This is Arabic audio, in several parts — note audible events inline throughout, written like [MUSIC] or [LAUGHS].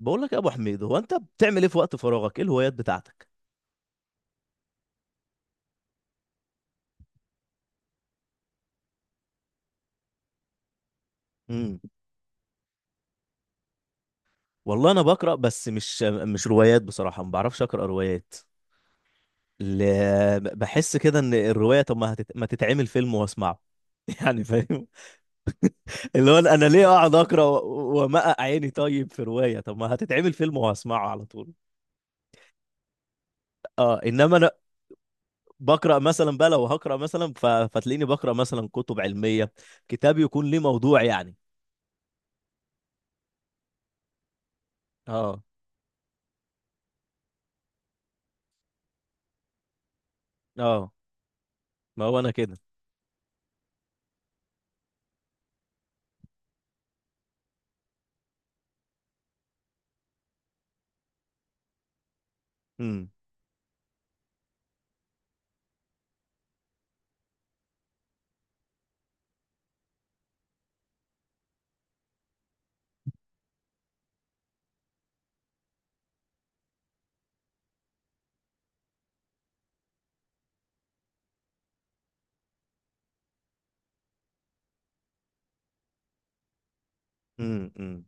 بقول لك يا ابو حميد، هو انت بتعمل ايه في وقت فراغك؟ ايه الهوايات بتاعتك؟ امم. والله انا بقرا، بس مش روايات بصراحه، ما بعرفش اقرا روايات. ل... بحس كده ان الروايه، طب ما تتعمل فيلم واسمعه؟ [LAUGHS] يعني فاهم. اللي هو انا ليه اقعد اقرا وامقق عيني؟ طيب في روايه، طب ما هتتعمل فيلم وهسمعه على طول. اه، انما انا بقرا مثلا بقى، لو هقرا مثلا فتلاقيني بقرا مثلا كتب علميه، كتاب يكون ليه موضوع يعني. اه اه. ما هو انا كده. امم امم.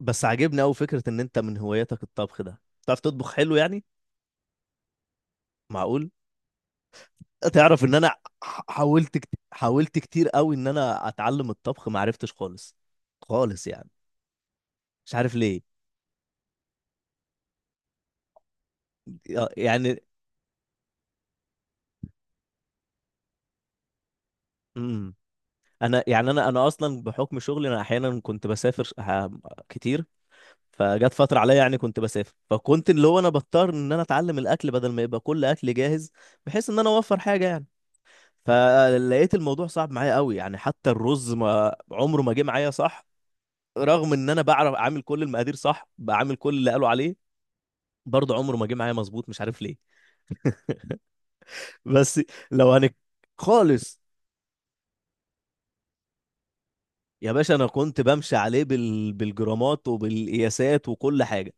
بس عاجبني قوي فكرة ان انت من هواياتك الطبخ ده. بتعرف تطبخ حلو يعني؟ معقول. تعرف ان انا حاولت كتير قوي ان انا اتعلم الطبخ، ما عرفتش خالص. خالص يعني. مش عارف ليه. يعني. امم. انا يعني انا اصلا بحكم شغلي، انا احيانا كنت بسافر كتير. فجت فترة عليا يعني كنت بسافر، فكنت اللي هو انا بضطر ان انا اتعلم الاكل بدل ما يبقى كل اكل جاهز، بحيث ان انا اوفر حاجة يعني. فلقيت الموضوع صعب معايا قوي، يعني حتى الرز ما عمره ما جه معايا صح، رغم ان انا بعرف اعمل كل المقادير صح، بعمل كل اللي قالوا عليه، برضه عمره ما جه معايا مظبوط. مش عارف ليه. [LAUGHS] بس لو هنك خالص. يا باشا، انا كنت بمشي عليه بالجرامات وبالقياسات وكل حاجه،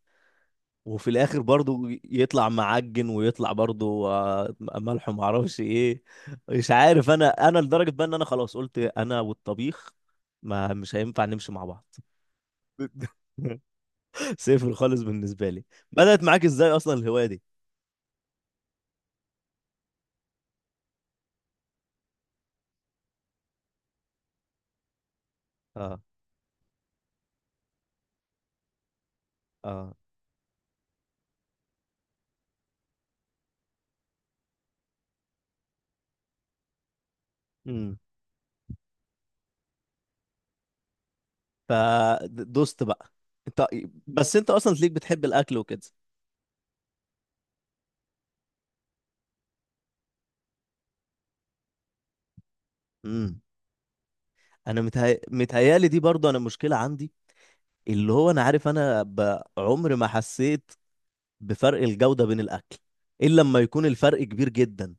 وفي الاخر برضه يطلع معجن ويطلع برضه ملح وما اعرفش ايه. مش عارف، انا لدرجه بقى ان انا خلاص قلت انا والطبيخ ما مش هينفع نمشي مع بعض. [LAUGHS] صفر خالص بالنسبة لي. بدأت معاك ازاي اصلا الهواية دي؟ اه اه. امم. فدوست بقى انت. بس انت اصلا ليك بتحب الاكل وكده. امم. انا متهيالي دي برضو انا مشكلة عندي، اللي هو انا عارف انا عمري ما حسيت بفرق الجودة بين الاكل، الا لما يكون الفرق كبير جدا.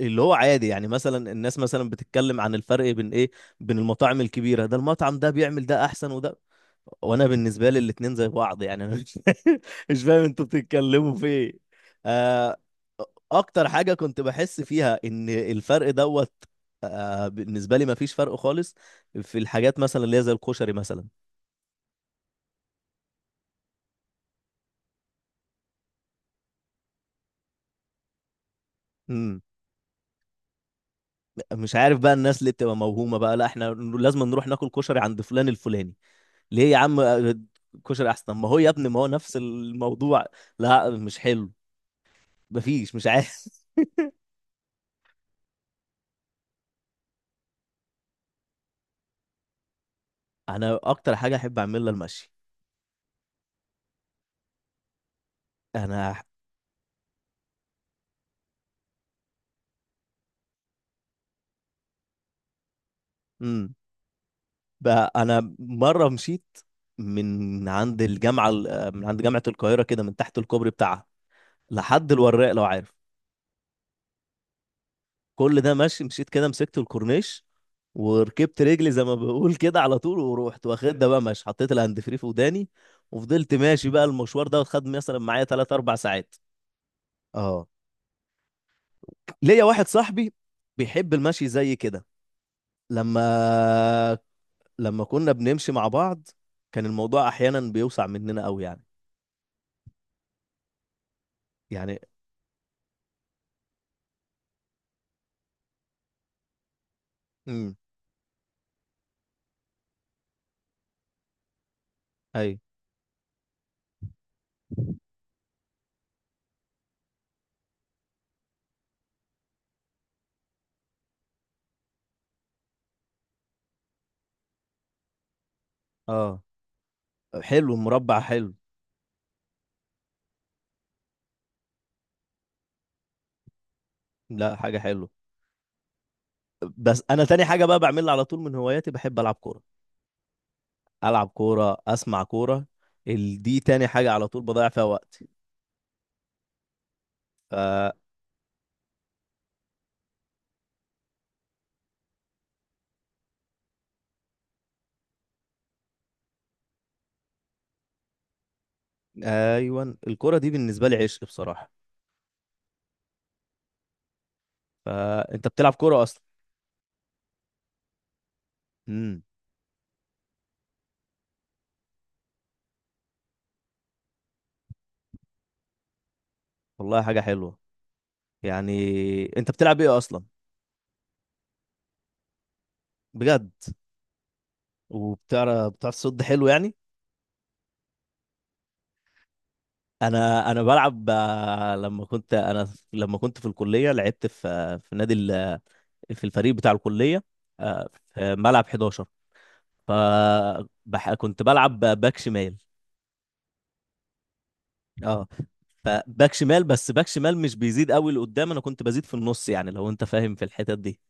اللي هو عادي يعني، مثلا الناس مثلا بتتكلم عن الفرق بين ايه، بين المطاعم الكبيره، ده المطعم ده بيعمل ده احسن وده، وانا بالنسبه لي الاتنين زي بعض يعني. انا مش [LAUGHS] مش فاهم انتوا بتتكلموا في ايه. آه. اكتر حاجه كنت بحس فيها ان الفرق دوت، بالنسبه لي مفيش فرق خالص، في الحاجات مثلا اللي هي زي الكشري مثلا. مم. مش عارف بقى، الناس اللي بتبقى موهومه بقى: لا، احنا لازم نروح ناكل كشري عند فلان الفلاني. ليه يا عم؟ كشري احسن ما هو يا ابني! ما هو نفس الموضوع. لا مش حلو. مفيش، مش عارف. [LAUGHS] انا اكتر حاجه احب اعملها المشي. انا. امم. بقى انا مره مشيت من عند الجامعه، من عند جامعه القاهره كده، من تحت الكوبري بتاعها لحد الوراق، لو عارف. كل ده ماشي. مشيت كده، مسكت الكورنيش وركبت رجلي زي ما بقول كده على طول، ورحت واخد ده بقى ماشي، حطيت الهاند فري في وداني وفضلت ماشي بقى المشوار ده، وخد مثلا معايا 3 4 ساعات. اه. ليا واحد صاحبي بيحب المشي زي كده. لما لما كنا بنمشي مع بعض، كان الموضوع احيانا بيوسع مننا قوي يعني. يعني. امم. اي. اه. حلو، مربع حلو. لا، حاجه حلوه. بس انا تاني حاجه بقى بعملها على طول من هواياتي، بحب العب كوره. العب كوره، اسمع كوره. دي تاني حاجه على طول بضيع فيها وقتي. ف ايوه، الكوره دي بالنسبه لي عشق بصراحه. فانت بتلعب كوره اصلا؟ امم. والله، حاجه حلوه يعني. انت بتلعب ايه اصلا؟ بجد. وبتعرف، بتعرف تصد حلو يعني؟ انا بلعب، لما كنت انا، لما كنت في الكليه لعبت في في نادي في الفريق بتاع الكليه، آه، في ملعب 11. ف كنت بلعب باك شمال. اه، فباك شمال، بس باك شمال مش بيزيد قوي لقدام، انا كنت بزيد في النص، يعني لو انت فاهم في الحتت دي.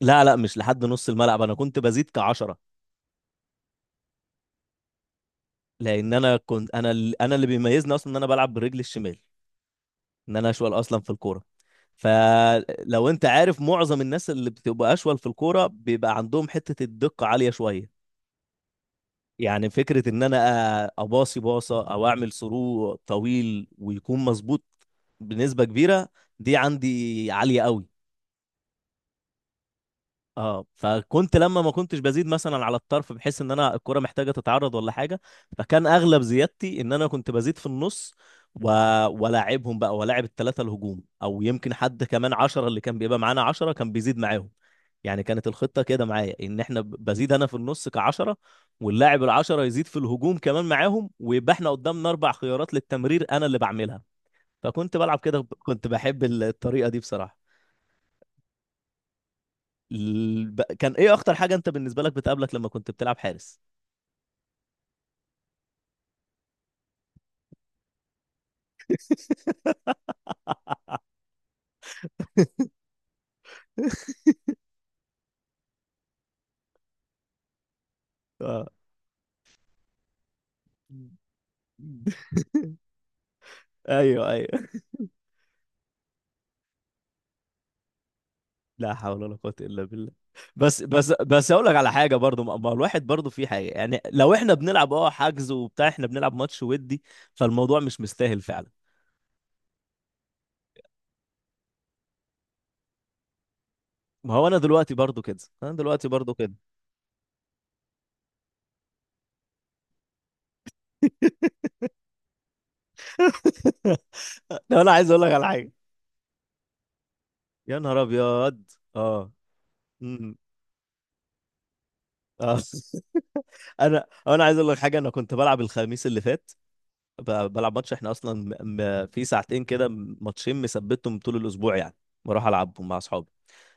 لا لا، مش لحد نص الملعب، انا كنت بزيد كعشرة. لان انا كنت انا اللي بيميزني اصلا ان انا بلعب برجلي الشمال، ان انا اشول اصلا في الكوره. فلو انت عارف، معظم الناس اللي بتبقى اشول في الكوره بيبقى عندهم حته الدقه عاليه شويه. يعني فكره ان انا اباصي باصه او اعمل ثرو طويل ويكون مظبوط بنسبه كبيره، دي عندي عاليه قوي. اه، فكنت لما ما كنتش بزيد مثلا على الطرف، بحيث ان انا الكرة محتاجة تتعرض ولا حاجة، فكان اغلب زيادتي ان انا كنت بزيد في النص و... ولاعبهم بقى، ولاعب الثلاثة الهجوم، او يمكن حد كمان عشرة اللي كان بيبقى معانا، عشرة كان بيزيد معاهم يعني. كانت الخطة كده معايا، ان احنا بزيد انا في النص كعشرة، واللاعب العشرة يزيد في الهجوم كمان معاهم، ويبقى احنا قدامنا اربع خيارات للتمرير انا اللي بعملها. فكنت بلعب كده، كنت بحب الطريقة دي بصراحة. كان ايه اخطر حاجة انت بالنسبة لك بتقابلك لما كنت بتلعب حارس؟ [LAUGHS] اه، ايوه ايوه. لا حول ولا قوة الا بالله. بس بس بس اقول لك على حاجة برضو، ما الواحد برضو في حاجة يعني، لو احنا بنلعب حجز وبتاع، احنا بنلعب ماتش ودي، فالموضوع مش مستاهل فعلا. ما هو انا دلوقتي برضو كده، انا دلوقتي برضو كده. [LAUGHS] لو انا عايز اقول لك على حاجة. يا نهار ابيض! اه. أمم. اه. [LAUGHS] انا عايز اقول لك حاجة، انا كنت بلعب الخميس اللي فات. بلعب ماتش احنا اصلا في ساعتين كده، ماتشين مثبتهم طول الاسبوع يعني، بروح العبهم مع اصحابي.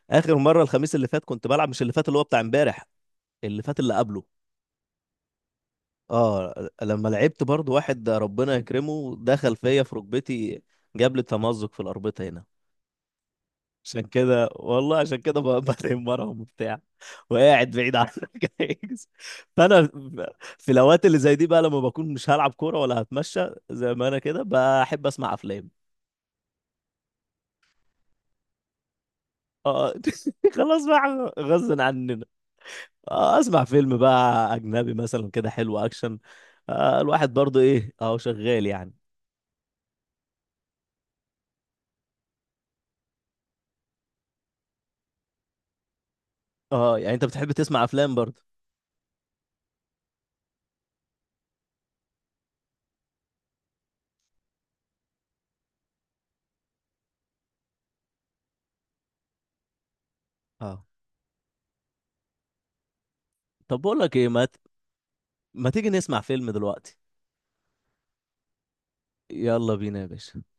اخر مره الخميس اللي فات كنت بلعب، مش اللي فات اللي هو بتاع امبارح، اللي فات اللي قبله. اه، لما لعبت برضو، واحد ربنا يكرمه دخل فيا في ركبتي، جاب لي تمزق في الاربطه هنا. عشان كده والله، عشان كده [LAUGHS] بنام وراهم وبتاع، وقاعد بعيد عنك. [LAUGHS] فانا في الاوقات اللي زي دي بقى، لما بكون مش هلعب كوره ولا هتمشى زي ما انا كده، بحب اسمع افلام. اه. [LAUGHS] خلاص بقى، غصب عننا. اسمع فيلم بقى اجنبي مثلا كده حلو، اكشن. الواحد برضو ايه، اهو شغال يعني. اه يعني، انت بتحب تسمع افلام برضو؟ اه. طب بقول لك ايه، ما تيجي نسمع فيلم دلوقتي؟ يلا بينا يا باشا.